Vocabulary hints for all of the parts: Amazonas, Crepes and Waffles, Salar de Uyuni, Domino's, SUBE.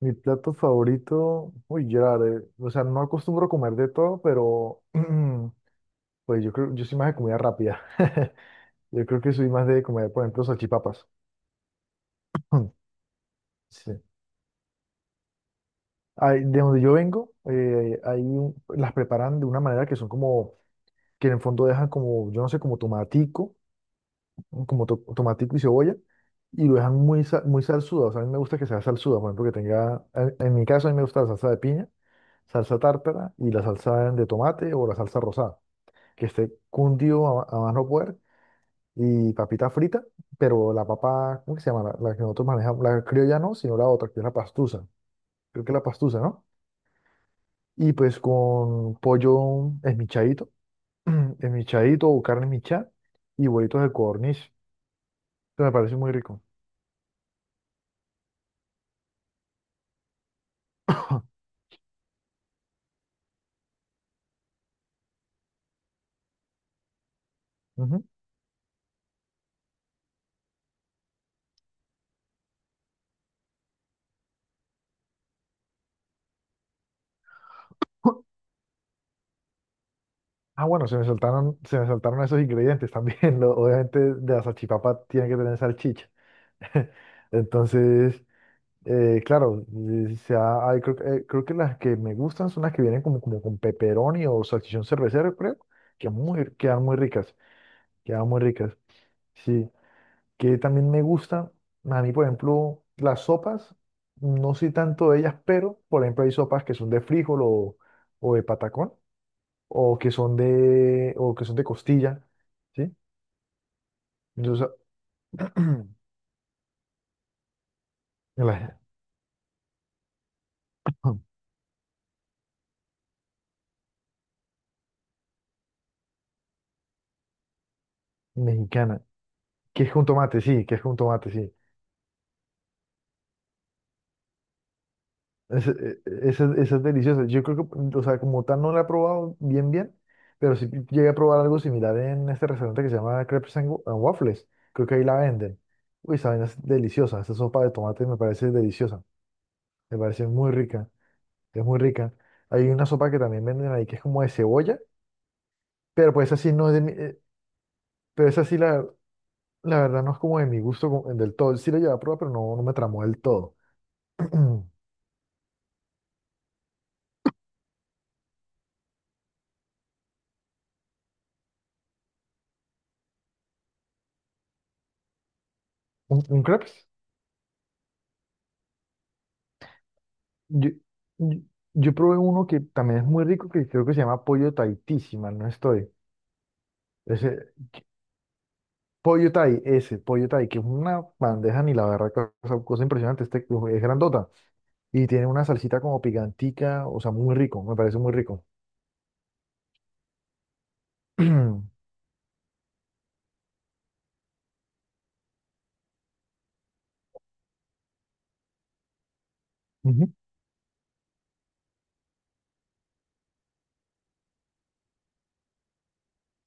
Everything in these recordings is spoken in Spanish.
Mi plato favorito, uy, Gerard, o sea, no acostumbro comer de todo, pero pues yo creo, yo soy más de comida rápida. Yo creo que soy más de comer, por ejemplo, salchipapas. Sí. Ay, de donde yo vengo, ahí las preparan de una manera que son como, que en el fondo dejan como, yo no sé, como tomatico, como tomatico y cebolla, y lo dejan muy salsuda. O sea, a mí me gusta que sea salsuda, por ejemplo, que tenga, en mi caso a mí me gusta la salsa de piña, salsa tártara y la salsa de tomate o la salsa rosada. Que esté cundido a más no poder, y papita frita, pero la papa, ¿cómo que se llama? La que nosotros manejamos, la criolla no, sino la otra, que es la pastusa, creo que es la pastusa, ¿no? Y pues con pollo esmichadito, esmichadito o carne michá y huevitos de codorniz. Eso me parece muy rico. Ujú. Ah, bueno, se me saltaron esos ingredientes también. Lo- obviamente de la salchipapa tiene que tener salchicha. Entonces, claro, se ha- hay- creo que las que me gustan son las que vienen como, como con pepperoni o salchichón cervecero, creo, que quedan muy ricas, quedan muy ricas. Sí, que también me gustan, a mí, por ejemplo, las sopas, no soy tanto de ellas, pero, por ejemplo, hay sopas que son de frijol o de patacón, o que son o que son de costilla, ¿sí? Entonces, la mexicana, que es con tomate, sí, que es con tomate, sí. Esa es deliciosa. Yo creo que, o sea, como tal no la he probado bien, bien, pero sí llegué a probar algo similar en este restaurante que se llama and Waffles. Creo que ahí la venden. Uy, esa vaina es deliciosa. Esa sopa de tomate me parece deliciosa. Me parece muy rica. Es muy rica. Hay una sopa que también venden ahí que es como de cebolla, pero pues esa sí no es de mi, pero esa sí la verdad no es como de mi gusto como- del todo. Sí la llevé a probar, pero no, no me tramó del todo. ¿Un, ¿un crepes? Yo, yo, yo probé uno que también es muy rico, que creo que se llama pollo Tahití, si mal no estoy. Ese, ese, pollo Thai, que es una bandeja ni la verdad, cosa impresionante, este, es grandota. Y tiene una salsita como picantica, o sea, muy rico, me parece muy rico. Ujú.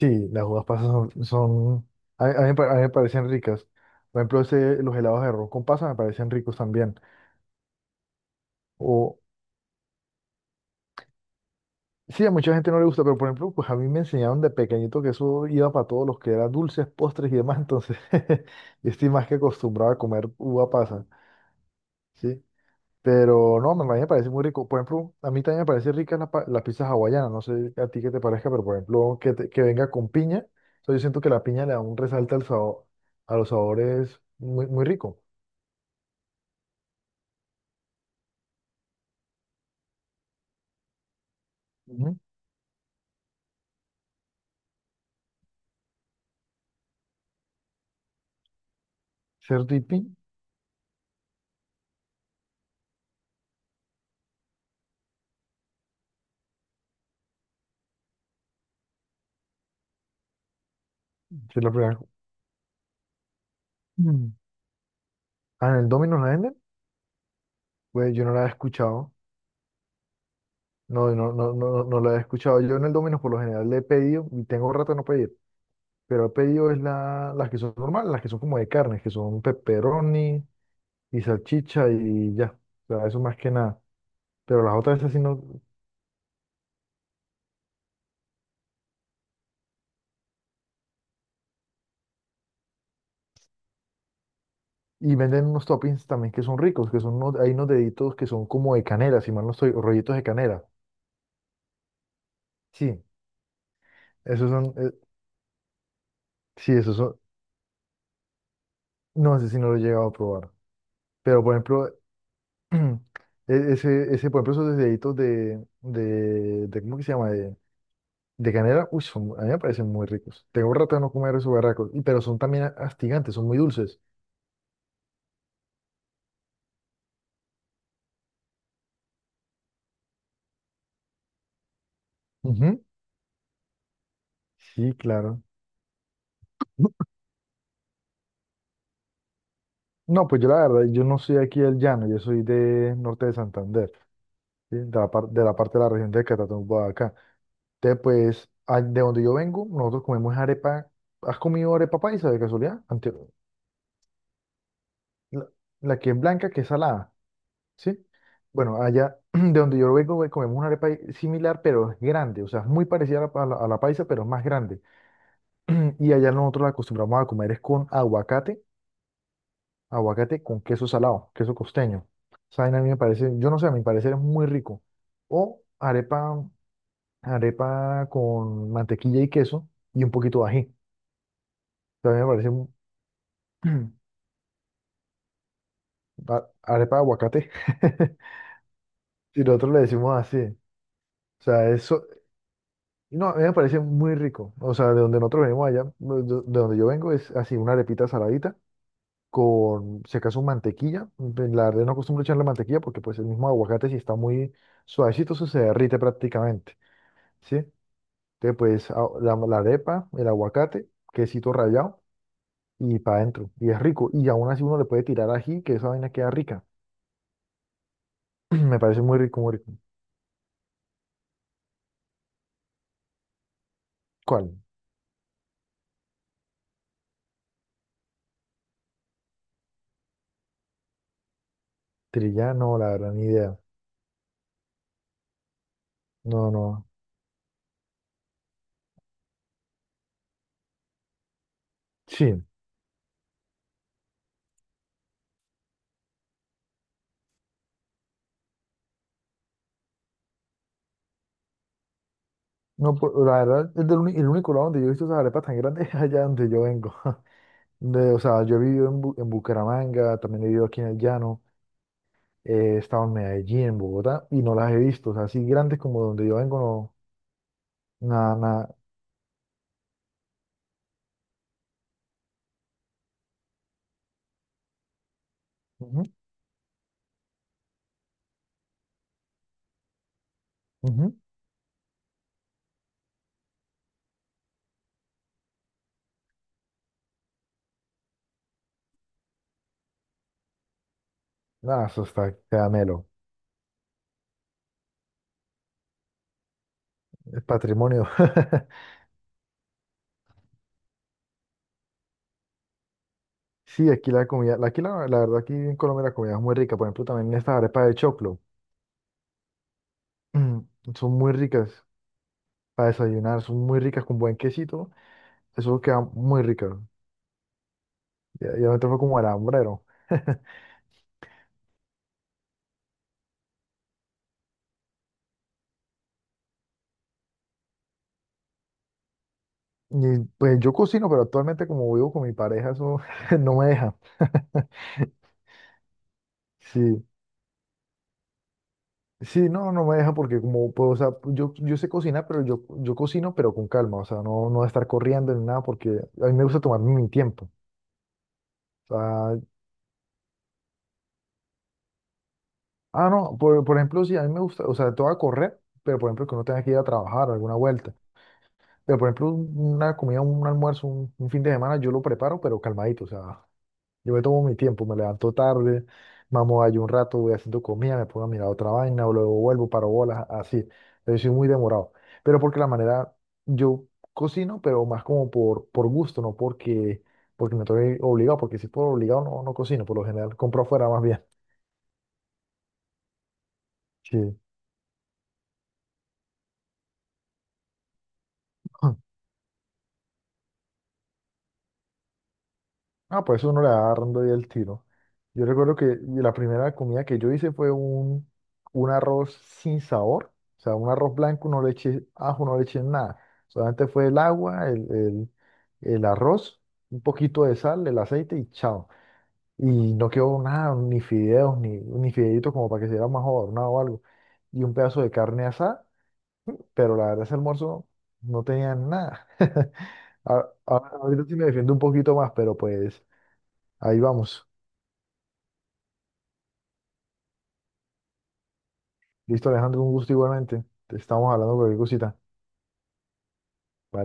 Sí, las uvas pasas son, a mí, a mí me parecen ricas. Por ejemplo, los helados de arroz con pasas me parecen ricos también. O, Sí, a mucha gente no le gusta, pero por ejemplo, pues a mí me enseñaron de pequeñito que eso iba para todos los que eran dulces, postres y demás, entonces yo estoy más que acostumbrado a comer uva pasa, ¿sí? Pero no, me, a mí me parece muy rico. Por ejemplo, a mí también me parece rica la pizza hawaiana, no sé a ti qué te parezca, pero por ejemplo, que venga con piña, o sea, yo siento que la piña le da un resalte al sabor, a los sabores muy, muy rico. Ujú. Cerdo y piña, si es la primera. Mm. Ah, ¿en el Domino's la venden? Pues yo no la he escuchado. No, no, no, no, no la he escuchado. Yo en el Domino's por lo general le he pedido, y tengo rato de no pedir, pero he pedido es la, las que son normales, las que son como de carnes que son pepperoni y salchicha y ya. O sea, eso más que nada. Pero las otras esas sí no. Y venden unos toppings también que son ricos, que son unos, hay unos deditos que son como de canela, si mal no estoy, o rollitos de canela. Sí, esos son, eh, sí, esos son, no sé si no lo he llegado a probar. Pero por ejemplo, ese, por ejemplo, esos deditos de, ¿cómo que se llama? De canela, uy, son, a mí me parecen muy ricos. Tengo rato de no comer esos barracos, y, pero son también astigantes, son muy dulces. Ujú. Sí, claro. No, pues yo la verdad, yo no soy aquí del llano, yo soy de norte de Santander, ¿sí? De la parte de la región de Catatumbo, Boyacá. Entonces, pues, de donde yo vengo, nosotros comemos arepa. ¿Has comido arepa paisa de casualidad? La, la que es blanca, que es salada, ¿sí? Bueno, allá de donde yo vengo, güey, comemos una arepa similar, pero es grande, o sea, es muy parecida a a la paisa, pero es más grande. Y allá nosotros la acostumbramos a comer es con aguacate, aguacate con queso salado, queso costeño. Esa vaina a mí me parece, yo no sé, a mi parecer es muy rico. O arepa, arepa con mantequilla y queso y un poquito de ají. También me parece un- arepa de aguacate. Si nosotros le decimos así. O sea, eso, no, a mí me parece muy rico. O sea, de donde nosotros venimos allá, de donde yo vengo, es así, una arepita saladita con, si acaso, mantequilla. Pues, la verdad no acostumbro echarle mantequilla porque pues el mismo aguacate si está muy suavecito eso se derrite prácticamente, ¿sí? Entonces pues la arepa, el aguacate, quesito rallado y para adentro. Y es rico. Y aún así uno le puede tirar ají, que esa vaina queda rica. Me parece muy rico, muy rico. ¿Cuál? Trilla, no, la verdad, ni idea. No, no. Sí. No, pu- la verdad, es el único lado donde yo he visto esas arepas tan grandes es allá donde yo vengo. O sea, yo he vivido en Bucaramanga, también he vivido aquí en el Llano. He estado en Medellín, en Bogotá, y no las he visto. O sea, así grandes como donde yo vengo, no. Nada, nada. Ujú, ujú. Nada, eso está caramelo. Es patrimonio. Sí, aquí la verdad, aquí en Colombia la comida es muy rica. Por ejemplo, también estas arepas de choclo. Mm, son muy ricas para desayunar, son muy ricas con buen quesito. Eso queda muy rica. Ya, ya me fue como el hambrero. Y pues yo cocino, pero actualmente como vivo con mi pareja, eso no me deja. Sí. Sí, no, no me deja porque como puedo, o sea, yo sé cocinar, pero yo cocino, pero con calma, o sea, no, no de estar corriendo ni nada porque a mí me gusta tomarme mi tiempo. O sea, ah, no, por ejemplo, sí, a mí me gusta, o sea, todo a correr, pero por ejemplo, que uno tenga que ir a trabajar, alguna vuelta. Pero por ejemplo, una comida, un almuerzo, un fin de semana, yo lo preparo, pero calmadito, o sea, yo me tomo mi tiempo, me levanto tarde, mamo ahí un rato, voy haciendo comida, me pongo a mirar otra vaina, o luego vuelvo, paro bolas, así. Yo soy muy demorado. Pero porque la manera, yo cocino, pero más como por gusto, no porque, porque me estoy obligado, porque si por obligado no, no cocino, por lo general compro afuera más bien. Sí. Ah, pues uno le va agarrando ahí el tiro. Yo recuerdo que la primera comida que yo hice fue un arroz sin sabor, o sea, un arroz blanco, no le eché ajo, no le eché nada. Solamente fue el agua, el arroz, un poquito de sal, el aceite y chao. Y no quedó nada, ni fideos, ni fideitos como para que se diera más adornado o algo. Y un pedazo de carne asada, pero la verdad ese almuerzo no tenía nada. A- a- Ahorita sí me defiendo un poquito más, pero pues ahí vamos. Listo, Alejandro, un gusto igualmente. Te estamos hablando de cualquier cosita. Vale.